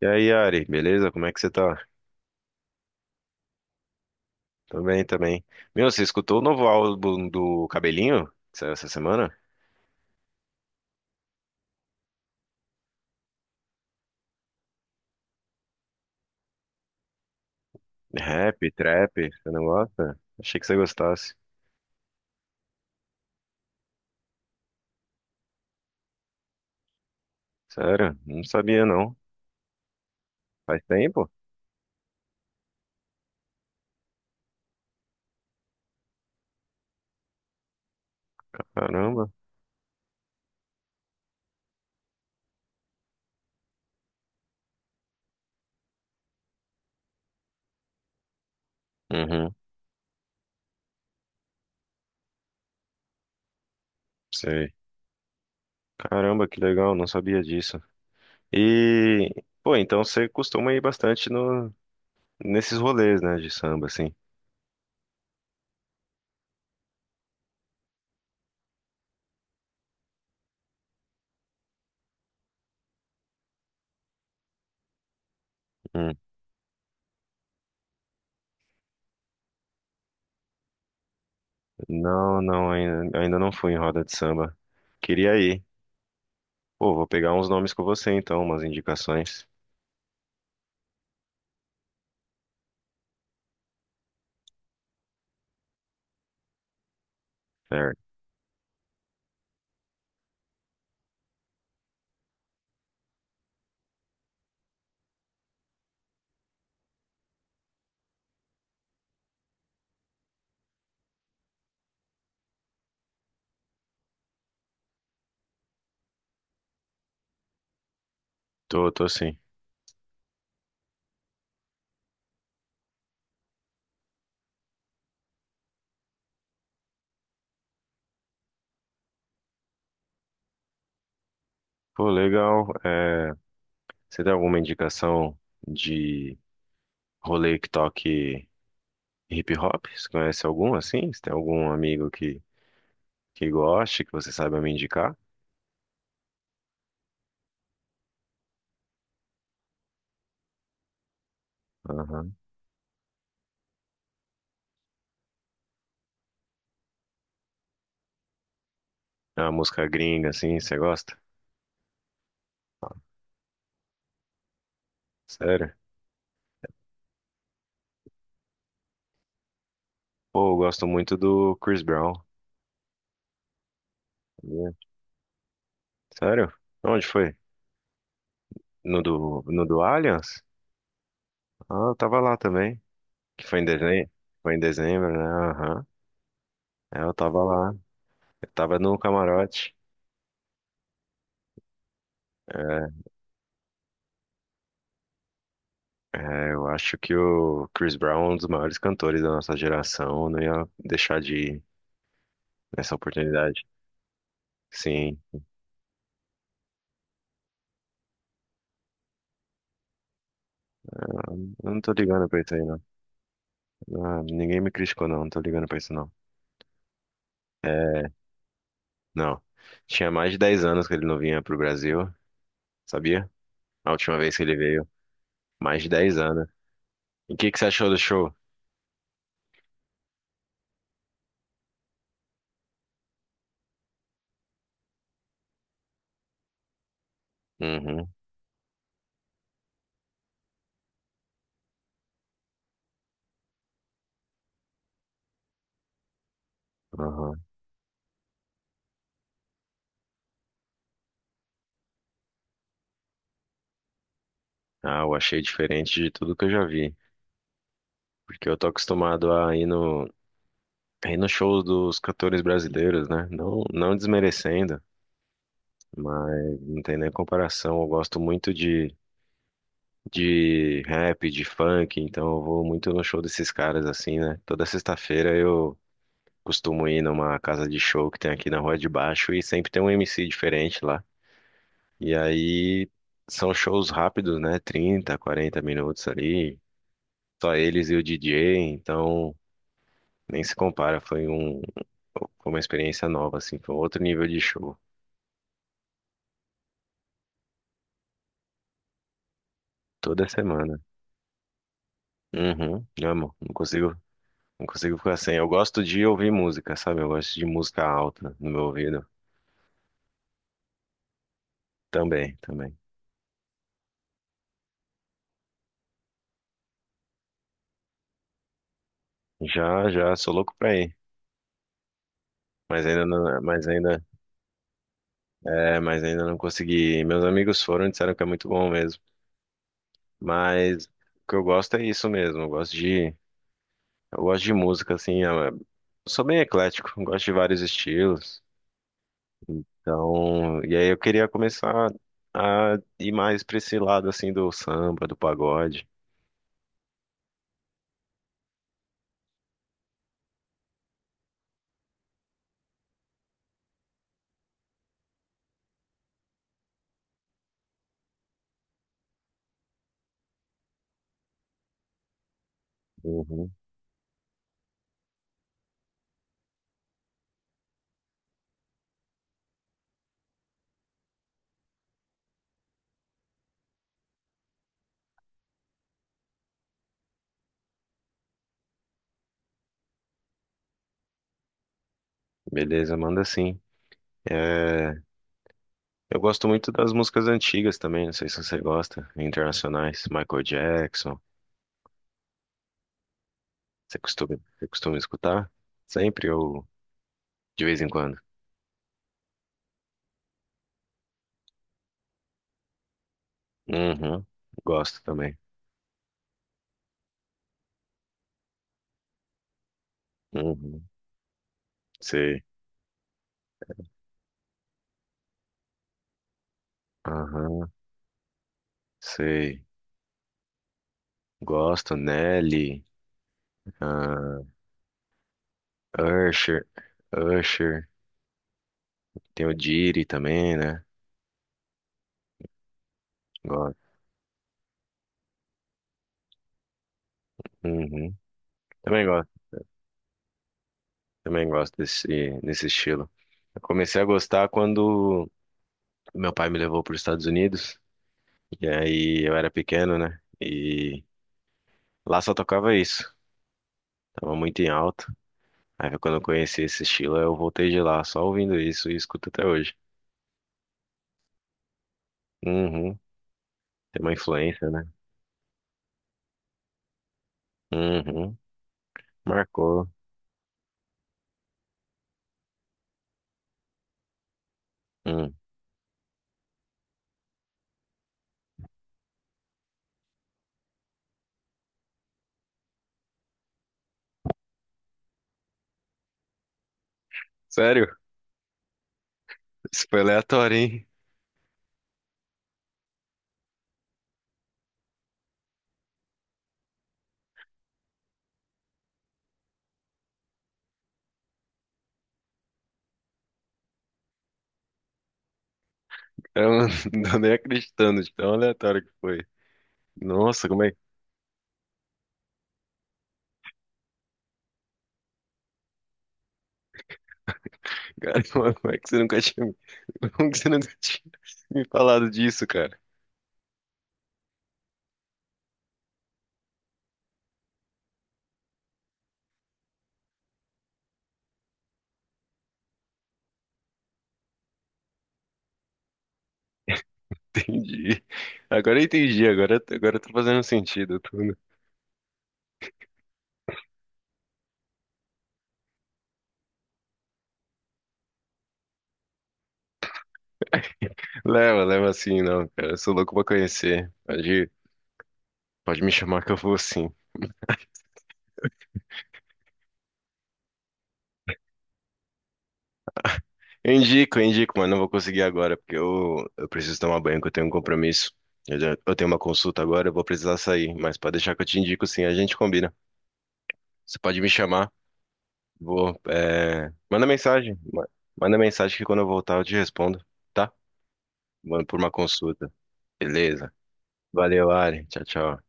E aí, Ari, beleza? Como é que você tá? Tô bem também. Meu, você escutou o novo álbum do Cabelinho? Que saiu essa semana? Rap, trap, você não gosta? Achei que você gostasse. Sério? Não sabia não. Faz tempo? Caramba. Uhum, sei. Caramba, que legal, não sabia disso. E, então você costuma ir bastante no, nesses rolês, né, de samba, assim. Hum. Não, não, ainda não fui em roda de samba. Queria ir. Pô, vou pegar uns nomes com você então, umas indicações. Certo. Tô, tô sim. Pô, legal. É, você tem alguma indicação de rolê que toque hip hop? Você conhece algum assim? Você tem algum amigo que goste, que você saiba me indicar? Aham. É uma música gringa assim, você gosta? Sério? Pô, eu gosto muito do Chris Brown. Sabia? Sério? Onde foi? No do Allianz? Ah, eu tava lá também. Que foi em dezembro? Foi em dezembro, né? Aham. É, eu tava lá. Eu tava no camarote. É. É, eu acho que o Chris Brown é um dos maiores cantores da nossa geração, não ia deixar de ir nessa oportunidade. Sim, eu não tô ligando pra isso aí, não. Ah, ninguém me criticou, não, não tô ligando pra isso, não. É, não. Tinha mais de 10 anos que ele não vinha pro Brasil, sabia? A última vez que ele veio, mais de dez anos. E o que que você achou do show? Uhum, uhum. Ah, eu achei diferente de tudo que eu já vi, porque eu tô acostumado a ir a ir no show dos cantores brasileiros, né? Não, não desmerecendo. Mas não tem nem comparação. Eu gosto muito de rap, de funk, então eu vou muito no show desses caras assim, né? Toda sexta-feira eu costumo ir numa casa de show que tem aqui na Rua de Baixo e sempre tem um MC diferente lá. E aí são shows rápidos, né? 30, 40 minutos ali, só eles e o DJ, então nem se compara. Foi uma experiência nova, assim, foi outro nível de show. Toda semana. Uhum, amo. Não consigo ficar sem. Eu gosto de ouvir música, sabe? Eu gosto de música alta no meu ouvido. Também, também. Já, já, sou louco pra ir. Mas ainda não, mas ainda, mas ainda não consegui ir. Meus amigos foram e disseram que é muito bom mesmo. Mas o que eu gosto é isso mesmo. Eu gosto eu gosto de música, assim. Eu sou bem eclético, eu gosto de vários estilos. Então, e aí eu queria começar a ir mais pra esse lado, assim, do samba, do pagode. Uhum. Beleza, manda sim. É, eu gosto muito das músicas antigas também, não sei se você gosta, internacionais, Michael Jackson. Você costuma escutar? Sempre ou de vez em quando? Uhum, gosto também. Uhum, sei. Aham, sei. Gosto, Nelly, ah, Usher, Usher, tem o Diddy também, né? Gosto. Uhum, também também gosto desse estilo. Eu comecei a gostar quando meu pai me levou para os Estados Unidos. E aí eu era pequeno, né? E lá só tocava isso. Tava muito em alta. Aí quando eu conheci esse estilo, eu voltei de lá, só ouvindo isso e escuto até hoje. Uhum. Tem uma influência, né? Uhum. Marcou. Hum. Sério? Isso foi aleatório, hein? Eu não tô nem acreditando de tão aleatório que foi. Nossa, como é, cara, como é que você nunca tinha, como que você nunca tinha me falado disso, cara? Entendi. Agora eu entendi, agora tá fazendo sentido tudo. Leva, leva sim, não, cara. Eu sou louco pra conhecer. Pode, pode me chamar que eu vou sim. Eu indico, mas não vou conseguir agora, porque eu preciso tomar banho, que eu tenho um compromisso. Eu tenho uma consulta agora, eu vou precisar sair, mas pode deixar que eu te indico sim, a gente combina. Você pode me chamar, vou. É, manda mensagem que quando eu voltar eu te respondo, tá? Vou por uma consulta. Beleza. Valeu, Ari. Tchau, tchau.